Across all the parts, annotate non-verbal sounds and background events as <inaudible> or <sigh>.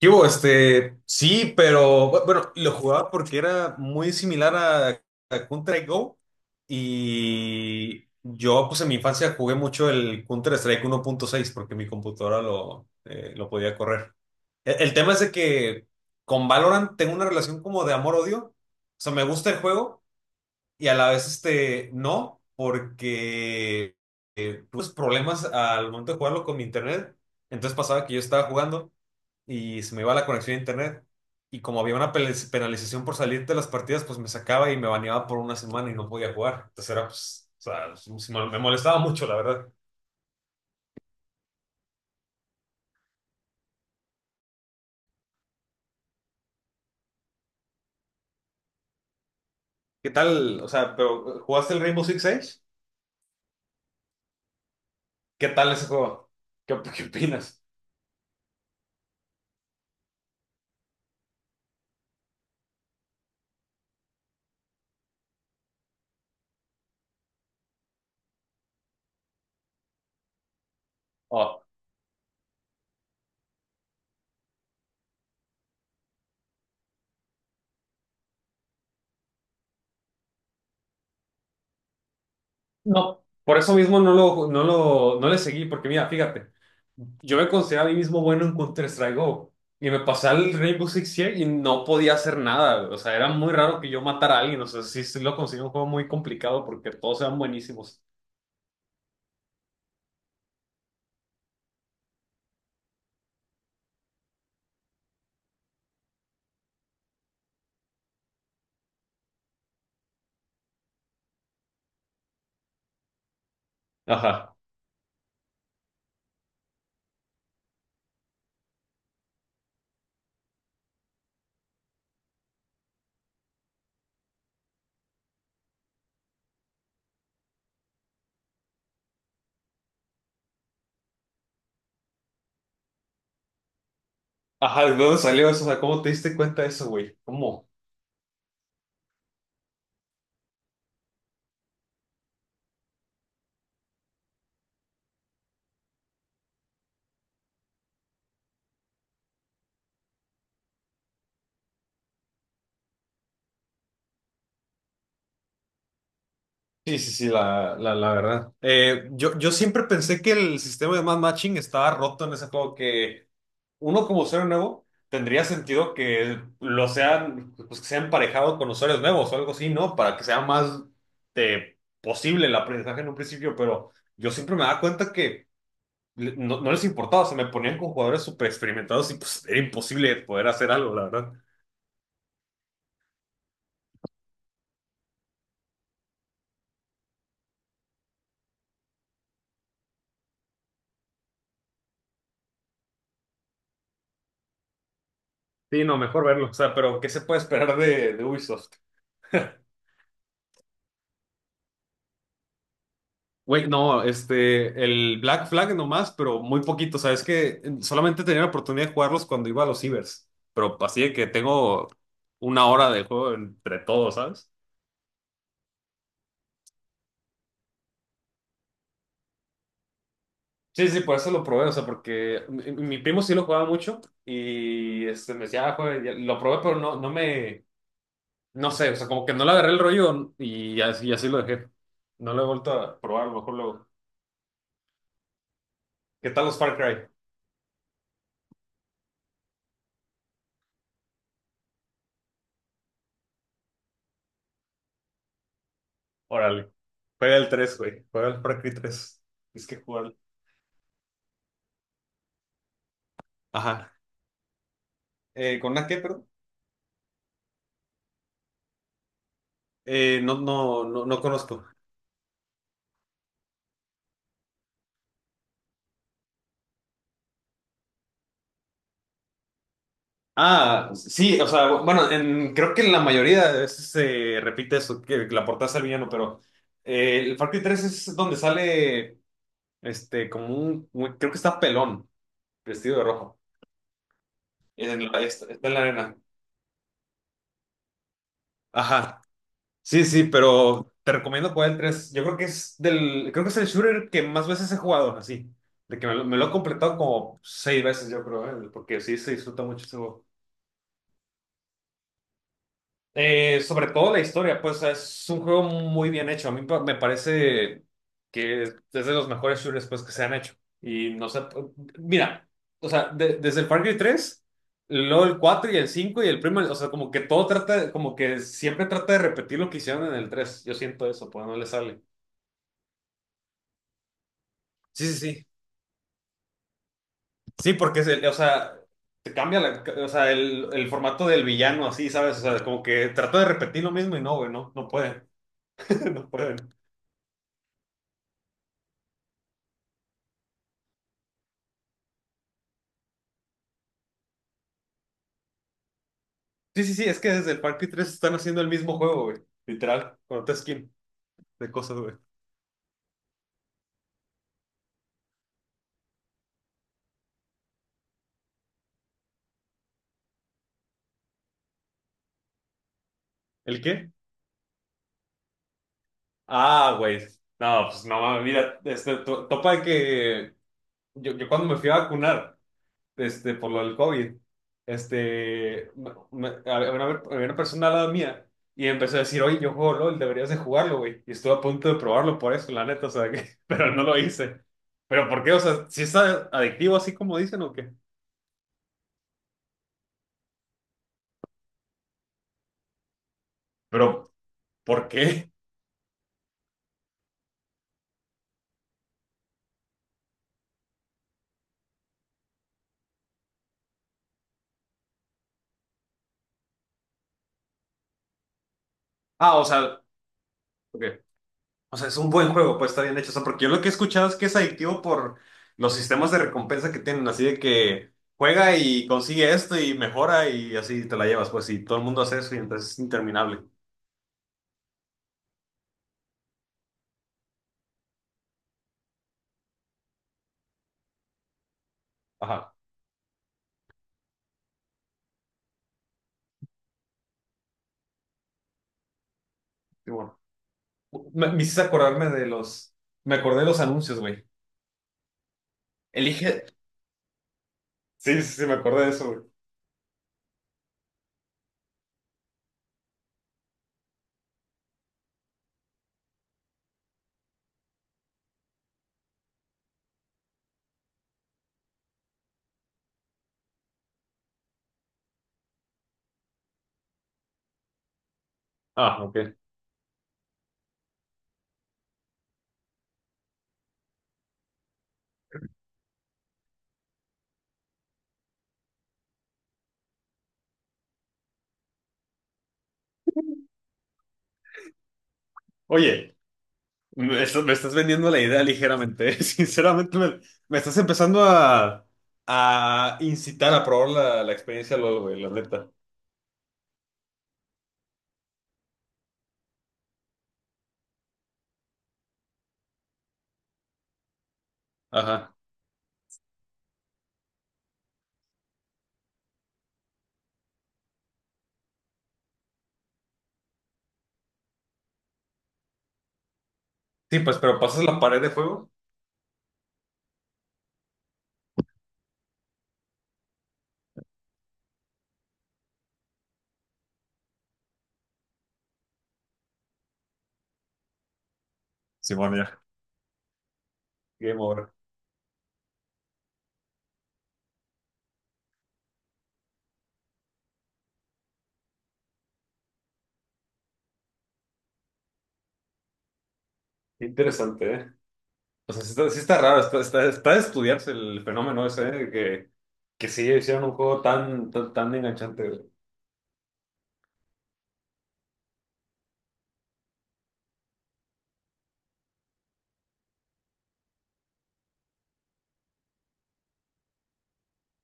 ¿Qué hubo? Sí, pero bueno, lo jugaba porque era muy similar a Counter Go y yo pues en mi infancia jugué mucho el Counter Strike 1.6 porque mi computadora lo podía correr. El tema es de que con Valorant tengo una relación como de amor-odio. O sea, me gusta el juego, y a la vez no, porque tuve problemas al momento de jugarlo con mi internet. Entonces pasaba que yo estaba jugando y se me iba la conexión a internet. Y como había una penalización por salir de las partidas, pues me sacaba y me baneaba por una semana y no podía jugar. Entonces era, pues, o sea, sí me molestaba mucho, la verdad. ¿Qué tal? O sea, pero ¿jugaste el Rainbow Six Siege? ¿Qué tal ese juego? ¿Qué opinas? Oh, no, por eso mismo no le seguí, porque mira, fíjate. Yo me considero a mí mismo bueno en Counter-Strike Go. Y me pasaba el Rainbow Six Siege y no podía hacer nada. O sea, era muy raro que yo matara a alguien. O sea, sí, sí lo conseguí un juego muy complicado porque todos eran buenísimos. Ajá. Ajá, ¿de dónde salió eso? O sea, ¿cómo te diste cuenta de eso, güey? ¿Cómo? Sí, sí, sí, la verdad. Yo siempre pensé que el sistema de matching estaba roto en ese juego, que uno como usuario nuevo tendría sentido que lo sean, pues que sea emparejado con usuarios nuevos o algo así, ¿no? Para que sea más posible el aprendizaje en un principio, pero yo siempre me daba cuenta que no les importaba, se me ponían con jugadores súper experimentados y pues era imposible poder hacer algo, la verdad. Sí, no, mejor verlo. O sea, pero ¿qué se puede esperar de Ubisoft? Güey, no, el Black Flag nomás, pero muy poquito. O sea, es que solamente tenía la oportunidad de jugarlos cuando iba a los cibers, pero así de que tengo una hora de juego entre todos, ¿sabes? Sí, sí, por eso lo probé. O sea, porque mi primo sí lo jugaba mucho y me decía, "Ah, juega", y lo probé, pero no sé, o sea, como que no le agarré el rollo, y así lo dejé. No lo he vuelto a probar, a lo mejor luego. ¿Qué tal los Far Cry? Órale, juega el tres, güey, juega el Far Cry tres, es que jugar. Ajá. ¿Con una qué, perdón? No, no, no, no conozco. Ah, sí, o sea, bueno, creo que en la mayoría de veces se repite eso, que la portada es el villano, pero el Far Cry tres es donde sale, como un, creo que está pelón, vestido de rojo, está en la arena. Ajá, sí, sí, pero te recomiendo jugar el 3. Yo creo que creo que es el shooter que más veces he jugado, así, de que me lo he completado como seis veces, yo creo, porque sí se disfruta mucho ese juego. Sobre todo la historia, pues es un juego muy bien hecho. A mí me parece que es de los mejores shooters, pues, que se han hecho. Y no sé, mira, o sea, desde el Far Cry tres, luego el 4 y el 5 y el primo, o sea, como que todo trata, como que siempre trata de repetir lo que hicieron en el tres. Yo siento eso, pues no le sale. Sí, sí, sí. Sí, porque o sea, te cambia la, o sea, el formato del villano, así, ¿sabes? O sea, como que trata de repetir lo mismo y no, güey, no puede, <laughs> no puede. Sí, sí, sí, es que desde el Far Cry 3 están haciendo el mismo juego, güey. Literal, con otra skin de cosas, güey. ¿El qué? Ah, güey. No, pues no mames, mira, topa de que yo cuando me fui a vacunar, por lo del COVID, este, me- me- había una, había una persona al lado mía y empezó a decir, "Oye, yo juego LOL, deberías de jugarlo, güey". Y estuve a punto de probarlo por eso, la neta, o sea, que, <laughs> pero no lo hice. ¿Pero por qué? O sea, ¿si es adictivo así como dicen o qué? Pero, ¿por qué? Ah, o sea, ok. O sea, es un buen juego, pues está bien hecho. O sea, porque yo lo que he escuchado es que es adictivo por los sistemas de recompensa que tienen, así de que juega y consigue esto y mejora y así te la llevas, pues, y todo el mundo hace eso y entonces es interminable. Ajá. Y bueno, me hiciste acordarme de los, me acordé de los anuncios, güey. Elige. Sí, sí, sí, me acordé de eso, güey. Ah, ok. Oye, me estás vendiendo la idea ligeramente, <laughs> sinceramente me estás empezando a incitar a probar la experiencia LOL, güey, la neta. Ajá. Sí, pues, pero pasas la pared de fuego. Simón, ya. Game over. Qué interesante, ¿eh? O sea, sí está raro, está de estudiarse el fenómeno ese, ¿eh? De que sí hicieron un juego tan, tan, tan enganchante, güey.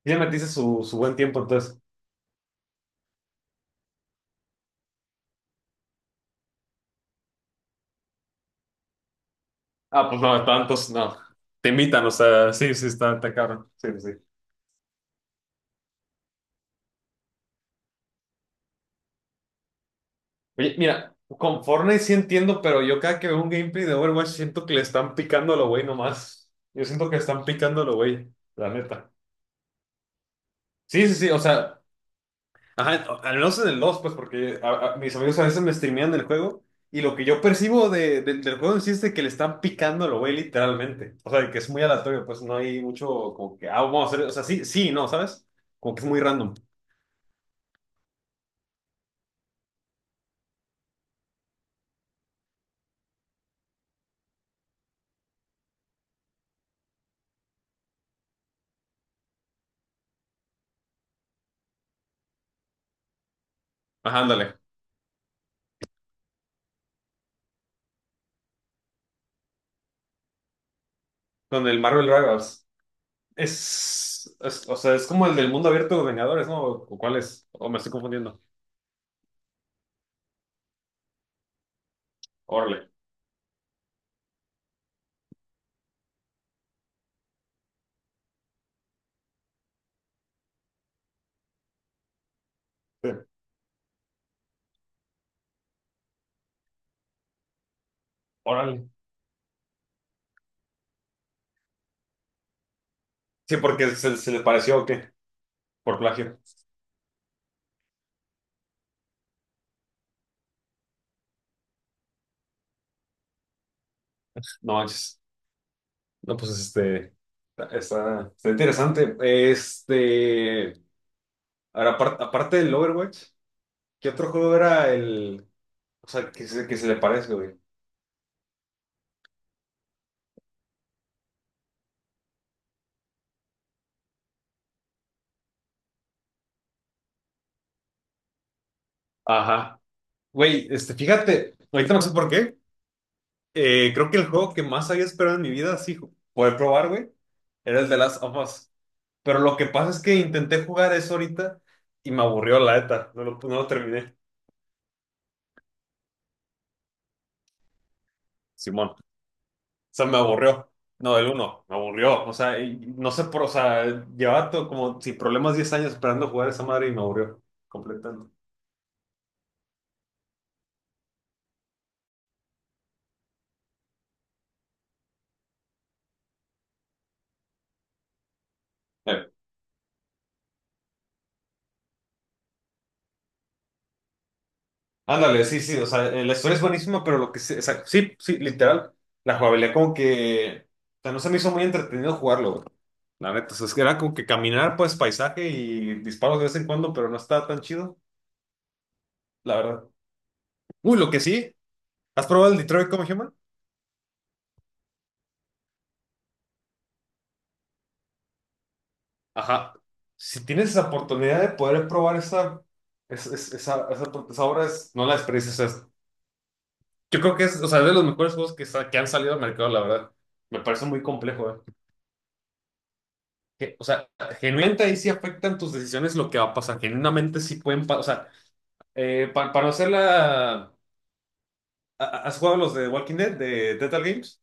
Y ya metiste su buen tiempo, entonces. Ah, pues no, tantos, no. Te invitan, o sea, sí, sí, está cabrón. Sí, sí. Sí. Oye, mira, con Fortnite sí entiendo, pero yo cada que veo un gameplay de Overwatch siento que le están picando a lo güey nomás. Yo siento que están picando a lo güey, la neta. Sí, sí, sí, o sea. Ajá, al menos en el dos, pues, porque mis amigos a veces me streamean el juego y lo que yo percibo del juego en sí es de que le están picando a lo güey literalmente. O sea, de que es muy aleatorio, pues no hay mucho como que, ah, vamos a hacer, o sea, sí, sí, no, ¿sabes? Como que es muy random. Ajá, ándale. Con el Marvel Rivals. O sea, es como el del mundo abierto de Vengadores, ¿no? ¿O cuál es? ¿O me estoy confundiendo? Órale. Sí. Órale. Sí, porque se le pareció o qué, por plagio. No manches. No, pues interesante. Ahora, aparte del Overwatch, ¿qué otro juego era el, o sea, que se le parece, güey? Ajá. Güey, fíjate, ahorita no sé por qué, creo que el juego que más había esperado en mi vida, sí, poder probar, güey, era el de Last of Us. Pero lo que pasa es que intenté jugar eso ahorita y me aburrió, la neta, no lo terminé. Simón. Sea, me aburrió. No, el uno, me aburrió. O sea, y no sé por, o sea, llevaba como sin problemas 10 años esperando jugar esa madre y me aburrió completamente. Eh, Ándale, sí, sí, o sea, la historia es buenísima, pero lo que sí, o sea, sí, sí, literal, la jugabilidad como que, o sea, no se me hizo muy entretenido jugarlo, güey. La neta, o sea, es que era como que caminar, pues, paisaje y disparos de vez en cuando, pero no estaba tan chido, la verdad. Uy, lo que sí, ¿has probado el Detroit Become Human? Ajá. Si tienes esa oportunidad de poder probar esa, es- es- esa, esa, esa obra, no la desperdicies. O sea, yo creo que o sea, es de los mejores juegos que, que han salido al mercado, la verdad. Me parece muy complejo, ¿eh? Que, o sea, genuinamente ahí sí afectan tus decisiones lo que va a pasar. Genuinamente sí pueden pasar. O sea, para no hacerla... ¿Has jugado los de Walking Dead, de Telltale Games?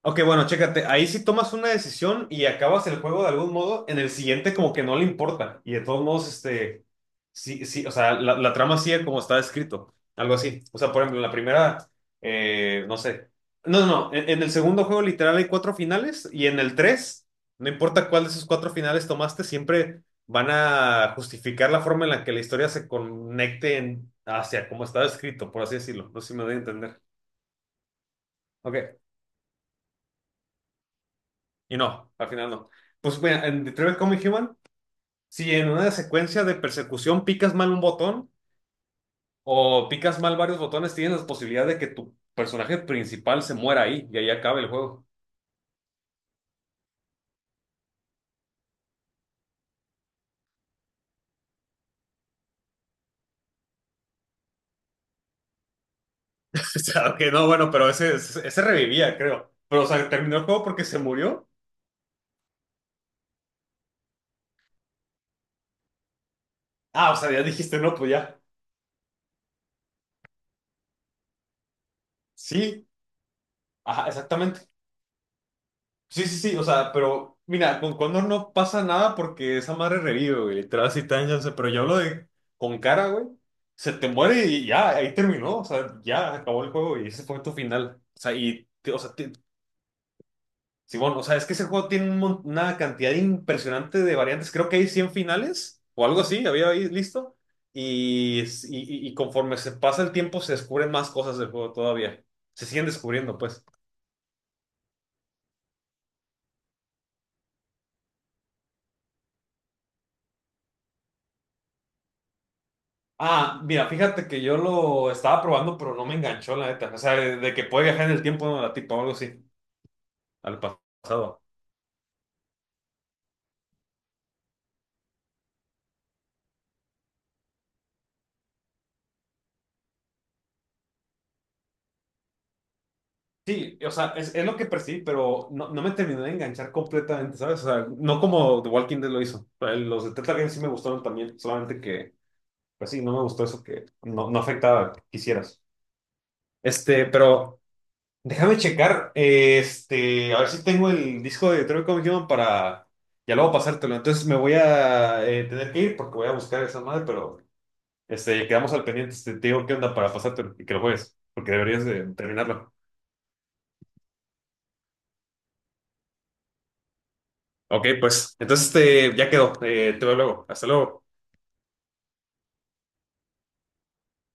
Ok, bueno, chécate, ahí sí tomas una decisión y acabas el juego de algún modo, en el siguiente como que no le importa. Y de todos modos, sí, sí, o sea, la trama sigue como está escrito, algo así. O sea, por ejemplo, en la primera, no sé. No, no, no, en el segundo juego literal hay cuatro finales y en el tres, no importa cuál de esos cuatro finales tomaste, siempre van a justificar la forma en la que la historia se conecte hacia como está escrito, por así decirlo. No sé si me doy a entender. Ok. Y no, al final no. Pues mira, en Detroit Become Human, si en una secuencia de persecución picas mal un botón o picas mal varios botones, tienes la posibilidad de que tu personaje principal se muera ahí y ahí acabe el juego. <laughs> O sea, ok, no, bueno, pero ese revivía, creo. Pero, o sea, terminó el juego porque se murió. Ah, o sea, ya dijiste, no, pues ya. Sí, ajá, exactamente. Sí, sí, sí, o sea, pero mira, con Condor no pasa nada porque esa madre revive, güey. Literal, así tan ya, o sea, pero yo hablo de con Cara, güey. Se te muere y ya, ahí terminó, o sea, ya acabó el juego y ese fue tu final. O sea, o sea, sí, bueno, o sea, es que ese juego tiene un una cantidad impresionante de variantes. Creo que hay 100 finales o algo así, había ahí listo. Y, y conforme se pasa el tiempo, se descubren más cosas del juego todavía. Se siguen descubriendo, pues. Ah, mira, fíjate que yo lo estaba probando, pero no me enganchó, la neta. O sea, de que puede viajar en el tiempo, ¿no? La tipo, algo así, al pasado. Sí, o sea, es lo que percibí, pero no me terminó de enganchar completamente, ¿sabes? O sea, no como The Walking Dead lo hizo. Los de Telltale Games sí me gustaron también, solamente que, pues sí, no me gustó eso que no afectaba, quisieras. Pero déjame checar, a ver si tengo el disco de Detroit Become Human para ya luego pasártelo. Entonces me voy a tener que ir porque voy a buscar esa madre, pero quedamos al pendiente. Te digo qué onda para pasártelo y que lo juegues, porque deberías de terminarlo. Ok, pues, entonces ya quedó. Te veo luego. Hasta luego.